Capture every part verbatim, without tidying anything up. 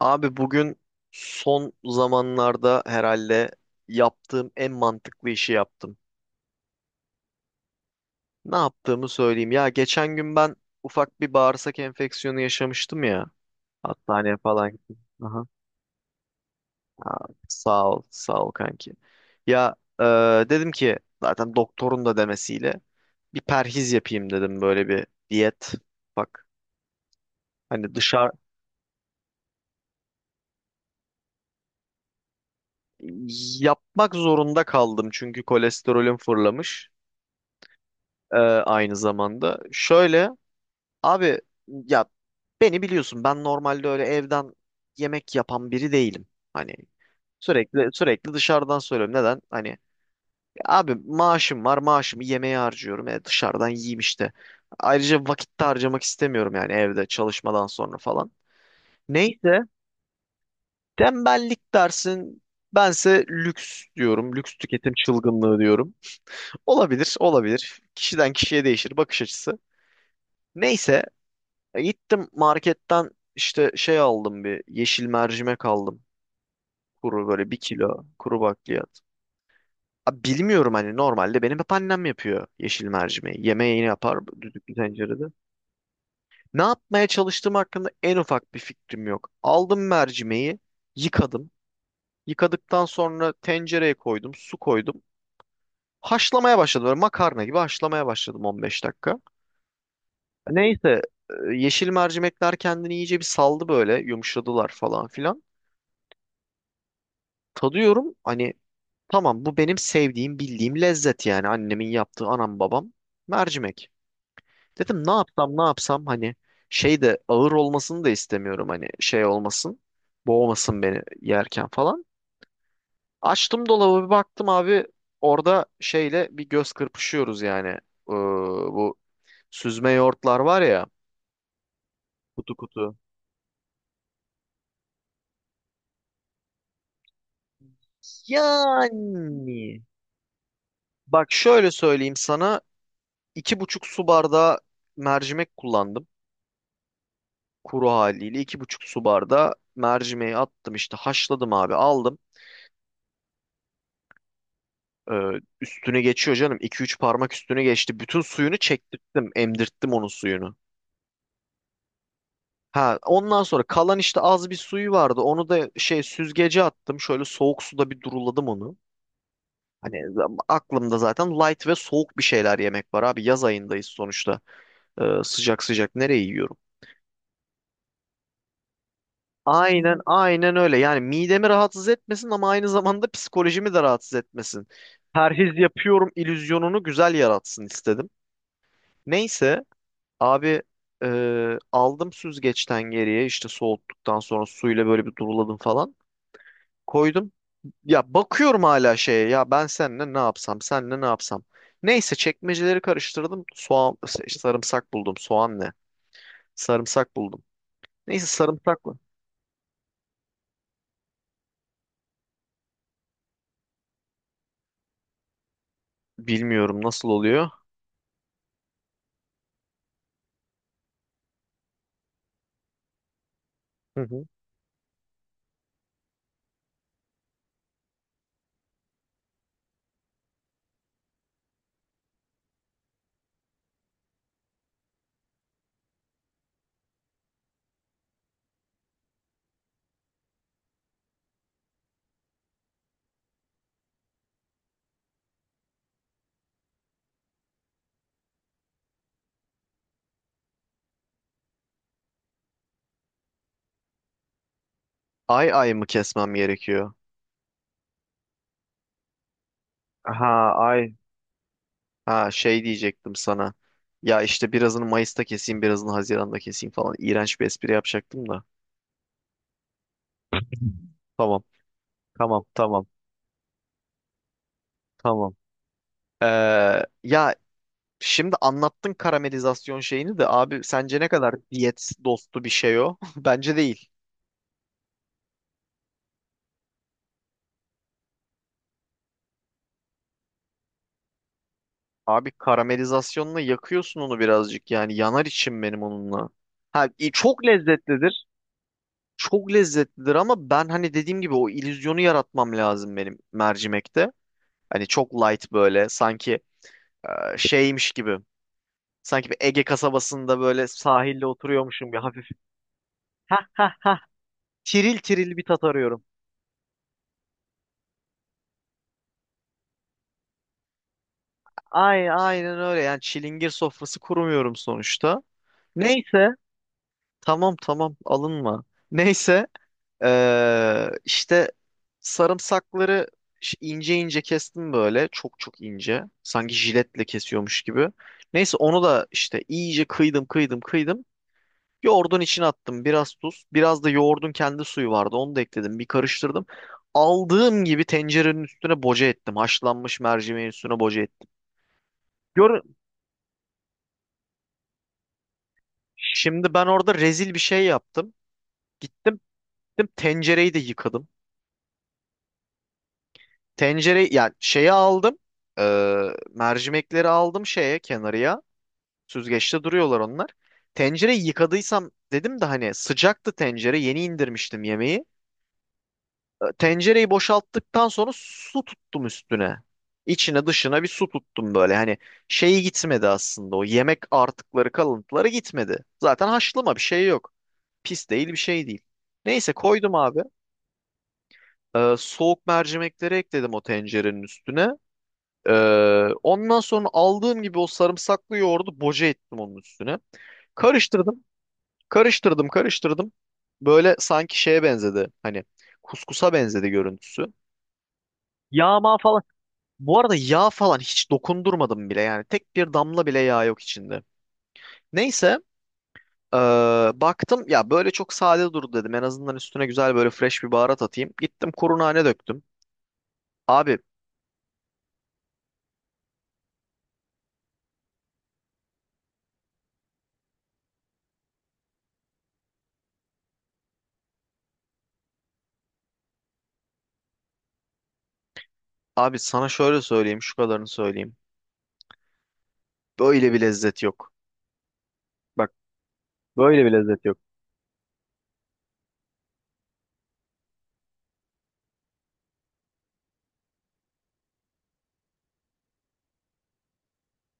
Abi bugün son zamanlarda herhalde yaptığım en mantıklı işi yaptım. Ne yaptığımı söyleyeyim. Ya geçen gün ben ufak bir bağırsak enfeksiyonu yaşamıştım ya. Hastaneye falan gittim. Aha. Aa, sağ ol, sağ ol kanki. Ya e, dedim ki zaten doktorun da demesiyle bir perhiz yapayım dedim böyle bir diyet. Bak hani dışarı yapmak zorunda kaldım çünkü kolesterolüm fırlamış e, aynı zamanda. Şöyle abi ya beni biliyorsun, ben normalde öyle evden yemek yapan biri değilim. Hani sürekli sürekli dışarıdan söylüyorum. Neden? Hani abi maaşım var, maaşımı yemeğe harcıyorum. E, dışarıdan yiyeyim işte. Ayrıca vakit de harcamak istemiyorum yani evde çalışmadan sonra falan. Neyse, tembellik dersin, bense lüks diyorum. Lüks tüketim çılgınlığı diyorum. Olabilir olabilir. Kişiden kişiye değişir bakış açısı. Neyse, E, gittim marketten işte şey aldım, bir yeşil mercimek aldım. Kuru, böyle bir kilo kuru bakliyat. Abi bilmiyorum, hani normalde benim hep annem yapıyor yeşil mercimeği. Yemeğini yapar düdüklü tencerede. Ne yapmaya çalıştığım hakkında en ufak bir fikrim yok. Aldım mercimeği, yıkadım. Yıkadıktan sonra tencereye koydum, su koydum. Haşlamaya başladım, böyle makarna gibi haşlamaya başladım, on beş dakika. Neyse, e, yeşil mercimekler kendini iyice bir saldı, böyle yumuşadılar falan filan. Tadıyorum. Hani tamam, bu benim sevdiğim, bildiğim lezzet yani, annemin yaptığı, anam babam mercimek. Dedim ne yapsam, ne yapsam, hani şey de ağır olmasını da istemiyorum, hani şey olmasın. Boğmasın beni yerken falan. Açtım dolabı, bir baktım abi, orada şeyle bir göz kırpışıyoruz yani. Ee, bu süzme yoğurtlar var ya, kutu kutu. Yani bak, şöyle söyleyeyim sana, iki buçuk su bardağı mercimek kullandım. Kuru haliyle iki buçuk su bardağı mercimeği attım işte, haşladım abi, aldım. Ee, üstüne geçiyor canım. İki üç parmak üstüne geçti. Bütün suyunu çektirttim. Emdirttim onun suyunu. Ha, ondan sonra kalan işte az bir suyu vardı. Onu da şey süzgece attım. Şöyle soğuk suda bir duruladım onu. Hani aklımda zaten light ve soğuk bir şeyler yemek var abi. Yaz ayındayız sonuçta. Ee, sıcak sıcak nereye yiyorum? Aynen aynen öyle. Yani midemi rahatsız etmesin ama aynı zamanda psikolojimi de rahatsız etmesin. Perhiz yapıyorum illüzyonunu güzel yaratsın istedim. Neyse abi, e, aldım süzgeçten geriye işte, soğuttuktan sonra suyla böyle bir duruladım falan. Koydum. Ya bakıyorum hala şeye, ya ben seninle ne yapsam, seninle ne yapsam. Neyse, çekmeceleri karıştırdım. Soğan, işte sarımsak buldum. Soğan ne? Sarımsak buldum. Neyse, sarımsak mı? Bilmiyorum nasıl oluyor. Ay ay mı kesmem gerekiyor? Ha, ay. Ha, şey diyecektim sana. Ya işte birazını Mayıs'ta keseyim, birazını Haziran'da keseyim falan. İğrenç bir espri yapacaktım da. Tamam, tamam, tamam, tamam. Ee, ya şimdi anlattın karamelizasyon şeyini de abi, sence ne kadar diyet dostu bir şey o? Bence değil. Abi karamelizasyonla yakıyorsun onu birazcık, yani yanar içim benim onunla. Ha i- çok lezzetlidir. Çok lezzetlidir ama ben hani dediğim gibi o illüzyonu yaratmam lazım benim mercimekte. Hani çok light böyle, sanki e, şeymiş gibi. Sanki bir Ege kasabasında böyle sahilde oturuyormuşum gibi hafif. Heh, tiril tiril bir tat arıyorum. Ay, aynen öyle yani, çilingir sofrası kurmuyorum sonuçta. Neyse. Tamam tamam, alınma. Neyse. Ee, işte sarımsakları ş- ince ince kestim böyle. Çok çok ince. Sanki jiletle kesiyormuş gibi. Neyse onu da işte iyice kıydım kıydım kıydım. Yoğurdun içine attım. Biraz tuz. Biraz da yoğurdun kendi suyu vardı. Onu da ekledim. Bir karıştırdım. Aldığım gibi tencerenin üstüne boca ettim. Haşlanmış mercimeğin üstüne boca ettim. Gör, şimdi ben orada rezil bir şey yaptım. Gittim, gittim tencereyi de yıkadım. Tencere, yani şeyi aldım. Ee, mercimekleri aldım şeye, kenarıya. Süzgeçte duruyorlar onlar. Tencereyi yıkadıysam dedim de, hani sıcaktı tencere, yeni indirmiştim yemeği. Ee, Tencereyi boşalttıktan sonra su tuttum üstüne. İçine dışına bir su tuttum böyle, hani şeyi gitmedi aslında, o yemek artıkları kalıntıları gitmedi. Zaten haşlama, bir şey yok. Pis değil, bir şey değil. Neyse, koydum abi. Ee, soğuk mercimekleri ekledim o tencerenin üstüne. Ee, ondan sonra aldığım gibi o sarımsaklı yoğurdu boca ettim onun üstüne. Karıştırdım, karıştırdım, karıştırdım. Böyle sanki şeye benzedi. Hani kuskusa benzedi görüntüsü. Yağ Yağma falan. Bu arada yağ falan hiç dokundurmadım bile yani. Tek bir damla bile yağ yok içinde. Neyse, ee, baktım ya böyle çok sade durdu dedim. En azından üstüne güzel böyle fresh bir baharat atayım. Gittim, kuru nane döktüm. Abi, abi sana şöyle söyleyeyim, şu kadarını söyleyeyim. Böyle bir lezzet yok. Bak, böyle bir lezzet yok.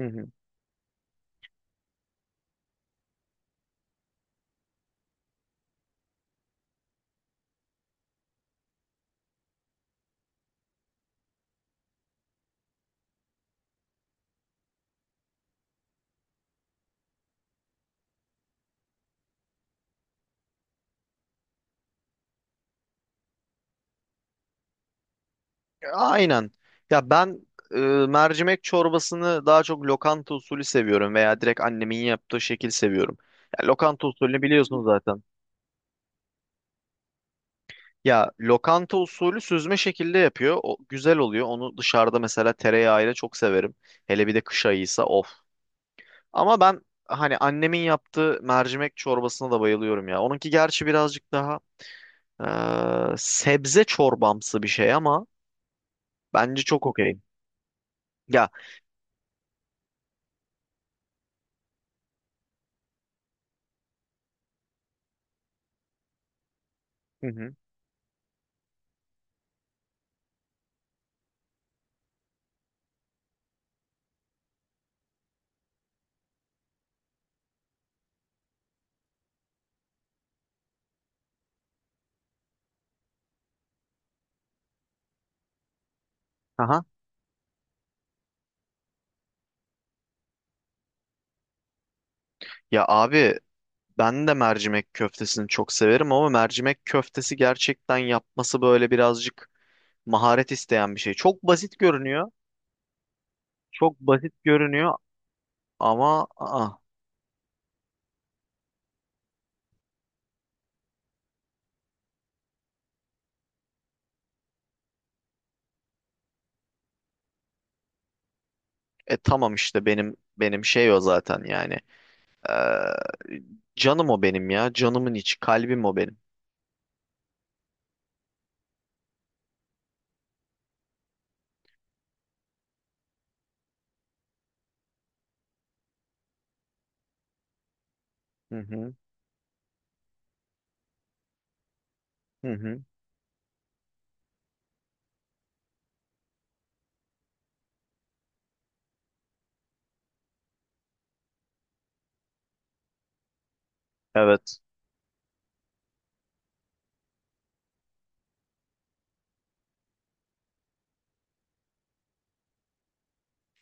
Hı hı. Aynen. Ya ben e, mercimek çorbasını daha çok lokanta usulü seviyorum veya direkt annemin yaptığı şekil seviyorum. Ya, lokanta usulünü biliyorsun zaten. Ya, lokanta usulü süzme şekilde yapıyor. O güzel oluyor. Onu dışarıda mesela tereyağıyla çok severim. Hele bir de kış ayıysa, of. Ama ben hani annemin yaptığı mercimek çorbasına da bayılıyorum ya. Onunki gerçi birazcık daha e, sebze çorbamsı bir şey ama bence çok okey. Ya. Hı hı. Aha. Ya abi, ben de mercimek köftesini çok severim ama mercimek köftesi gerçekten yapması böyle birazcık maharet isteyen bir şey. Çok basit görünüyor. Çok basit görünüyor ama aa, e tamam işte, benim benim şey o zaten yani. Ee, canım o benim ya. Canımın içi, kalbim o benim. Hı hı. Hı hı. Evet.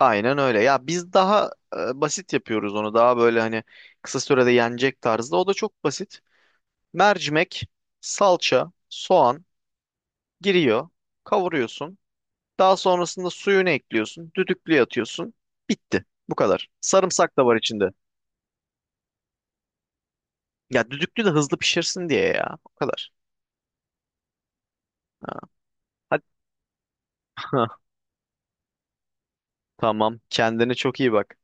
Aynen öyle. Ya biz daha e, basit yapıyoruz onu. Daha böyle hani kısa sürede yenecek tarzda. O da çok basit. Mercimek, salça, soğan giriyor, kavuruyorsun. Daha sonrasında suyunu ekliyorsun, düdüklüye atıyorsun. Bitti. Bu kadar. Sarımsak da var içinde. Ya düdüklü de hızlı pişirsin diye ya. O kadar. Ha. Hadi. Tamam. Kendine çok iyi bak.